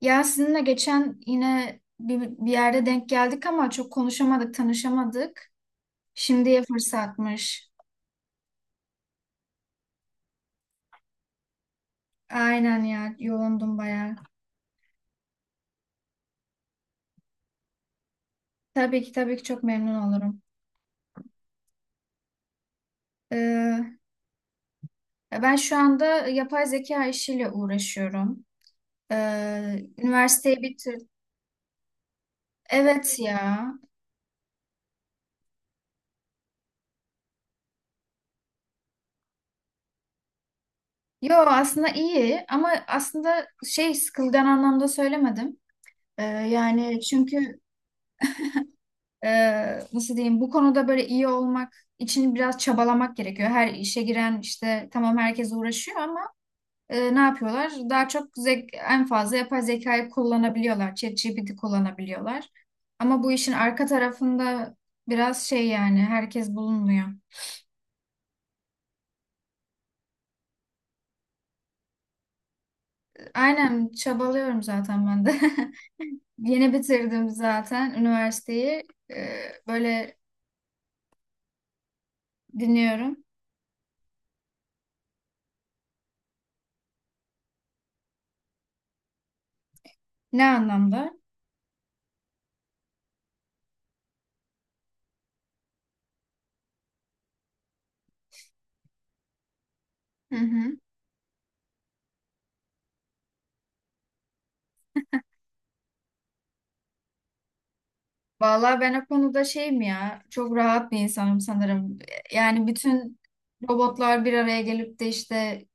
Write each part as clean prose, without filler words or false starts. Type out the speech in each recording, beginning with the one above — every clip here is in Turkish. Ya sizinle geçen yine bir yerde denk geldik ama çok konuşamadık, tanışamadık. Şimdiye fırsatmış. Aynen ya, yoğundum bayağı. Tabii ki tabii ki, çok memnun olurum. Ee, Ben şu anda yapay zeka işiyle uğraşıyorum. Üniversiteyi bitir. Evet ya. Yo, aslında iyi ama aslında şey, sıkılgan anlamda söylemedim. Yani çünkü... Nasıl diyeyim, bu konuda böyle iyi olmak için biraz çabalamak gerekiyor. Her işe giren işte, tamam, herkes uğraşıyor ama ne yapıyorlar? Daha çok en fazla yapay zekayı kullanabiliyorlar. ChatGPT kullanabiliyorlar. Ama bu işin arka tarafında biraz şey, yani herkes bulunmuyor. Aynen, çabalıyorum zaten ben de. Yeni bitirdim zaten üniversiteyi. Böyle, dinliyorum. Ne anlamda? Hı hı. Vallahi ben o konuda şeyim ya, çok rahat bir insanım sanırım. Yani bütün robotlar bir araya gelip de işte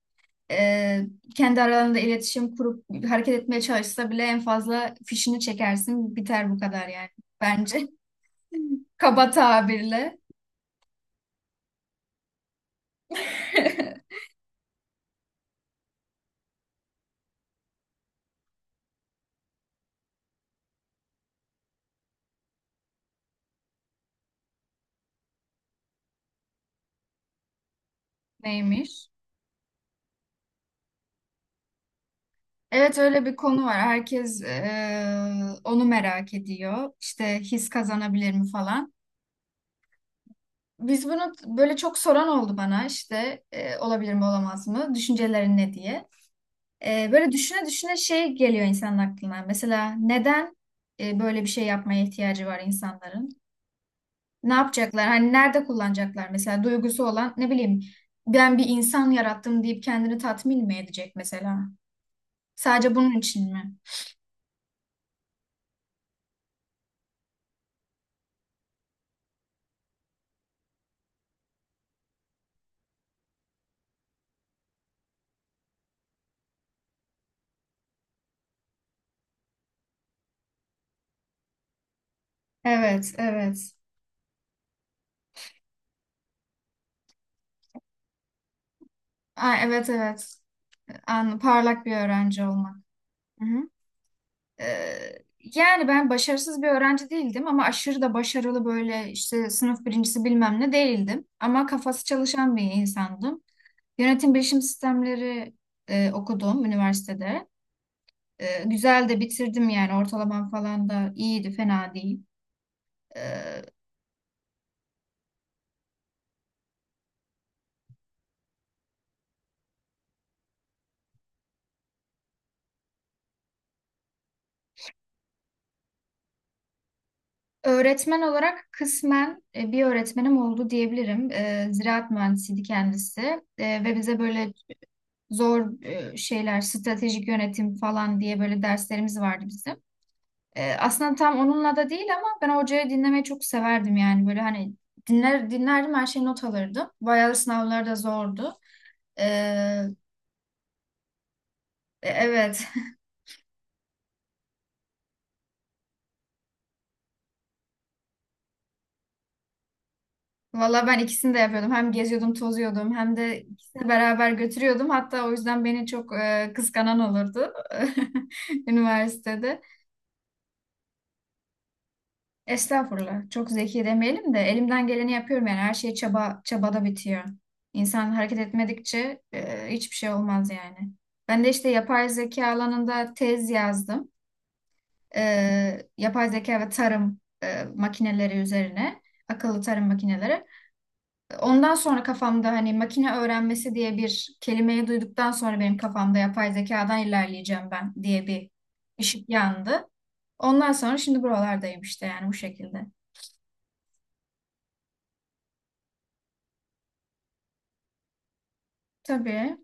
e, kendi aralarında iletişim kurup hareket etmeye çalışsa bile en fazla fişini çekersin, biter bu kadar yani bence. Kaba tabirle. Neymiş? Evet, öyle bir konu var. Herkes onu merak ediyor. İşte his kazanabilir mi falan. Biz bunu böyle, çok soran oldu bana işte olabilir mi olamaz mı? Düşüncelerin ne diye. Böyle düşüne düşüne şey geliyor insanın aklına. Mesela neden böyle bir şey yapmaya ihtiyacı var insanların? Ne yapacaklar? Hani nerede kullanacaklar? Mesela duygusu olan, ne bileyim, ben bir insan yarattım deyip kendini tatmin mi edecek mesela? Sadece bunun için mi? Evet, evet. Aa, evet, evet. Parlak bir öğrenci olmak. Hı hı. Ee, Yani ben başarısız bir öğrenci değildim ama aşırı da başarılı, böyle işte sınıf birincisi bilmem ne değildim. Ama kafası çalışan bir insandım. Yönetim bilişim sistemleri okudum üniversitede. Güzel de bitirdim yani, ortalamam falan da iyiydi, fena değil. E, Öğretmen olarak kısmen bir öğretmenim oldu diyebilirim. E, ziraat mühendisiydi kendisi. Ve bize böyle zor şeyler, stratejik yönetim falan diye, böyle derslerimiz vardı bizim. Aslında tam onunla da değil ama ben hocayı dinlemeyi çok severdim yani, böyle hani dinler dinlerdim her şeyi, not alırdım. Bayağı da sınavlar da zordu. E, Evet. Valla ben ikisini de yapıyordum. Hem geziyordum, tozuyordum, hem de ikisini beraber götürüyordum. Hatta o yüzden beni çok kıskanan olurdu üniversitede. Estağfurullah. Çok zeki demeyelim de, elimden geleni yapıyorum yani. Her şey çaba, çabada bitiyor. İnsan hareket etmedikçe hiçbir şey olmaz yani. Ben de işte yapay zeka alanında tez yazdım. E, Yapay zeka ve tarım makineleri üzerine. Akıllı tarım makineleri. Ondan sonra, kafamda hani makine öğrenmesi diye bir kelimeyi duyduktan sonra, benim kafamda yapay zekadan ilerleyeceğim ben diye bir ışık yandı. Ondan sonra şimdi buralardayım işte, yani bu şekilde. Tabii.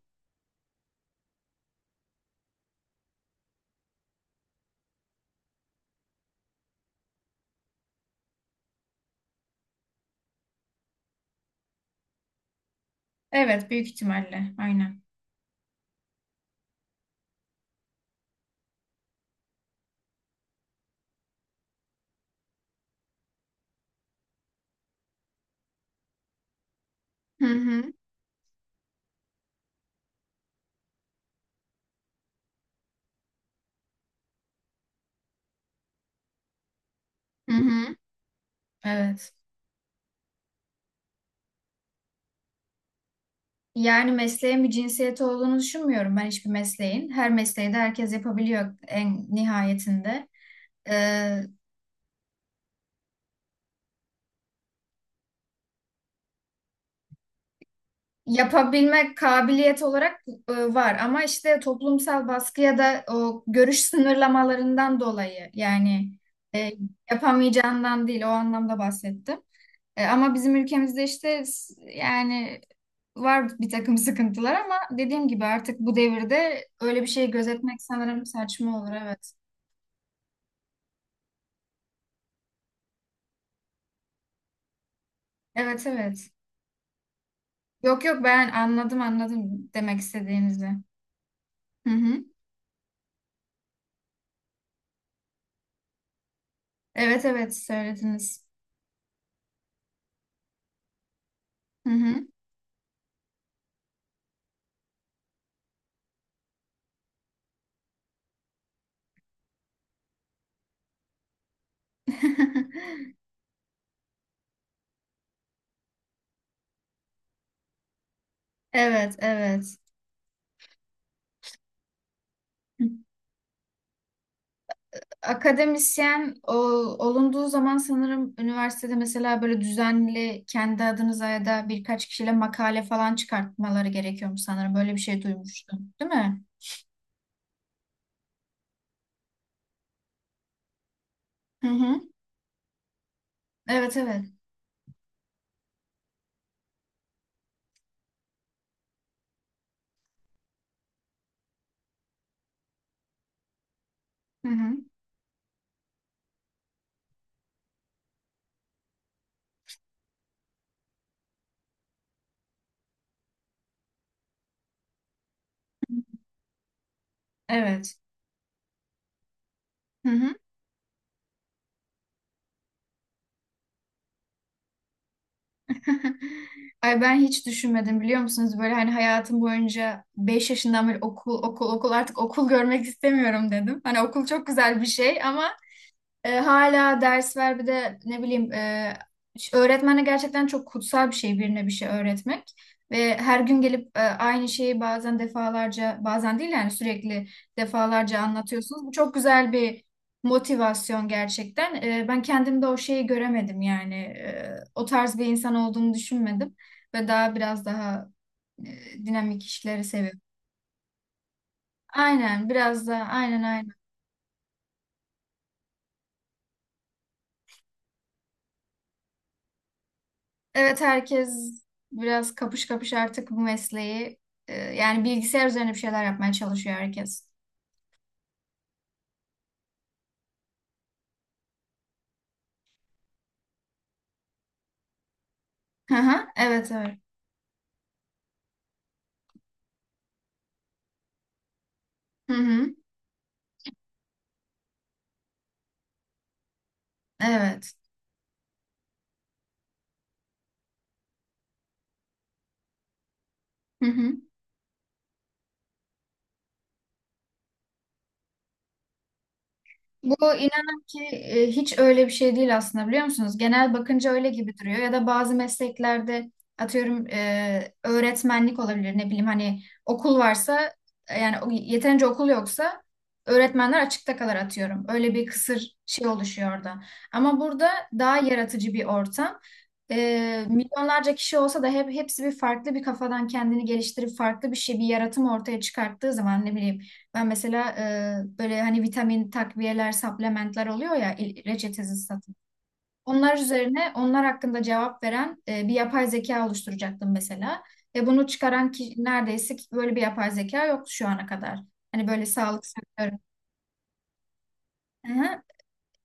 Evet, büyük ihtimalle. Aynen. Hı hı. Hı hı. Evet. Yani mesleğin bir cinsiyeti olduğunu düşünmüyorum ben, hiçbir mesleğin. Her mesleği de herkes yapabiliyor en nihayetinde. Ee, Yapabilmek, kabiliyet olarak var ama işte toplumsal baskı ya da o görüş sınırlamalarından dolayı yani, e, yapamayacağından değil o anlamda bahsettim. Ama bizim ülkemizde işte yani var bir takım sıkıntılar, ama dediğim gibi artık bu devirde öyle bir şey gözetmek sanırım saçma olur, evet. Evet, evet. Yok yok, ben anladım anladım demek istediğinizi. Hı hı. Evet, evet, söylediniz. Hı hı. Evet, evet. Akademisyen olunduğu zaman sanırım üniversitede mesela, böyle düzenli kendi adınıza ya da birkaç kişiyle makale falan çıkartmaları gerekiyormuş sanırım. Böyle bir şey duymuştum, değil mi? Hı hı. Evet, evet. Hı hı. Evet. Hı hı. Ay, ben hiç düşünmedim, biliyor musunuz? Böyle hani, hayatım boyunca 5 yaşından beri okul, okul, okul, artık okul görmek istemiyorum dedim. Hani okul çok güzel bir şey ama hala ders ver, bir de ne bileyim, öğretmenle gerçekten çok kutsal bir şey, birine bir şey öğretmek. Ve her gün gelip aynı şeyi, bazen defalarca, bazen değil yani sürekli defalarca anlatıyorsunuz. Bu çok güzel bir motivasyon gerçekten. Ben kendimde o şeyi göremedim yani. O tarz bir insan olduğumu düşünmedim. Ve daha biraz daha dinamik işleri seviyorum. Aynen, biraz daha, aynen aynen. Evet, herkes biraz kapış kapış artık bu mesleği, yani bilgisayar üzerine bir şeyler yapmaya çalışıyor herkes. Hı hı, evet evet. Hı hı, evet. Hı hı. Bu, inanın ki, hiç öyle bir şey değil aslında, biliyor musunuz? Genel bakınca öyle gibi duruyor, ya da bazı mesleklerde atıyorum öğretmenlik olabilir, ne bileyim, hani okul varsa, yani yeterince okul yoksa öğretmenler açıkta kalır atıyorum. Öyle bir kısır şey oluşuyor orada. Ama burada daha yaratıcı bir ortam. Milyonlarca kişi olsa da hep hepsi bir farklı bir kafadan kendini geliştirip farklı bir şey, bir yaratım ortaya çıkarttığı zaman, ne bileyim ben mesela böyle hani vitamin takviyeler, supplementler oluyor ya, reçetesiz satın. Onlar üzerine, onlar hakkında cevap veren bir yapay zeka oluşturacaktım mesela. Ve bunu çıkaran ki, neredeyse ki böyle bir yapay zeka yoktu şu ana kadar. Hani böyle sağlık sektörü.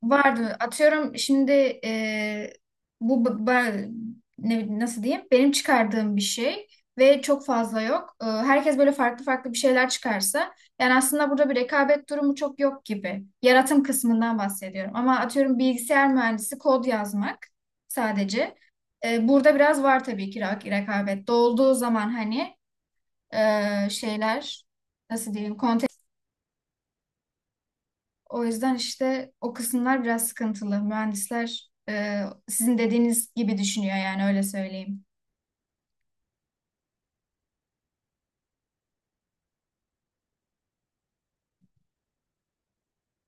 Vardı. Atıyorum şimdi e, bu b- ba- ne, nasıl diyeyim? Benim çıkardığım bir şey ve çok fazla yok. Herkes böyle farklı farklı bir şeyler çıkarsa, yani aslında burada bir rekabet durumu çok yok gibi. Yaratım kısmından bahsediyorum. Ama atıyorum bilgisayar mühendisi kod yazmak sadece. Burada biraz var tabii ki rekabet. Dolduğu zaman hani, şeyler, nasıl diyeyim? O yüzden işte o kısımlar biraz sıkıntılı. Mühendisler sizin dediğiniz gibi düşünüyor yani, öyle söyleyeyim.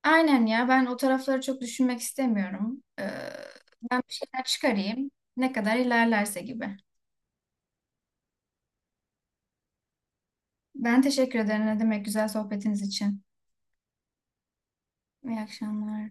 Aynen ya, ben o tarafları çok düşünmek istemiyorum. Ben bir şeyler çıkarayım, ne kadar ilerlerse gibi. Ben teşekkür ederim, ne demek, güzel sohbetiniz için. İyi akşamlar.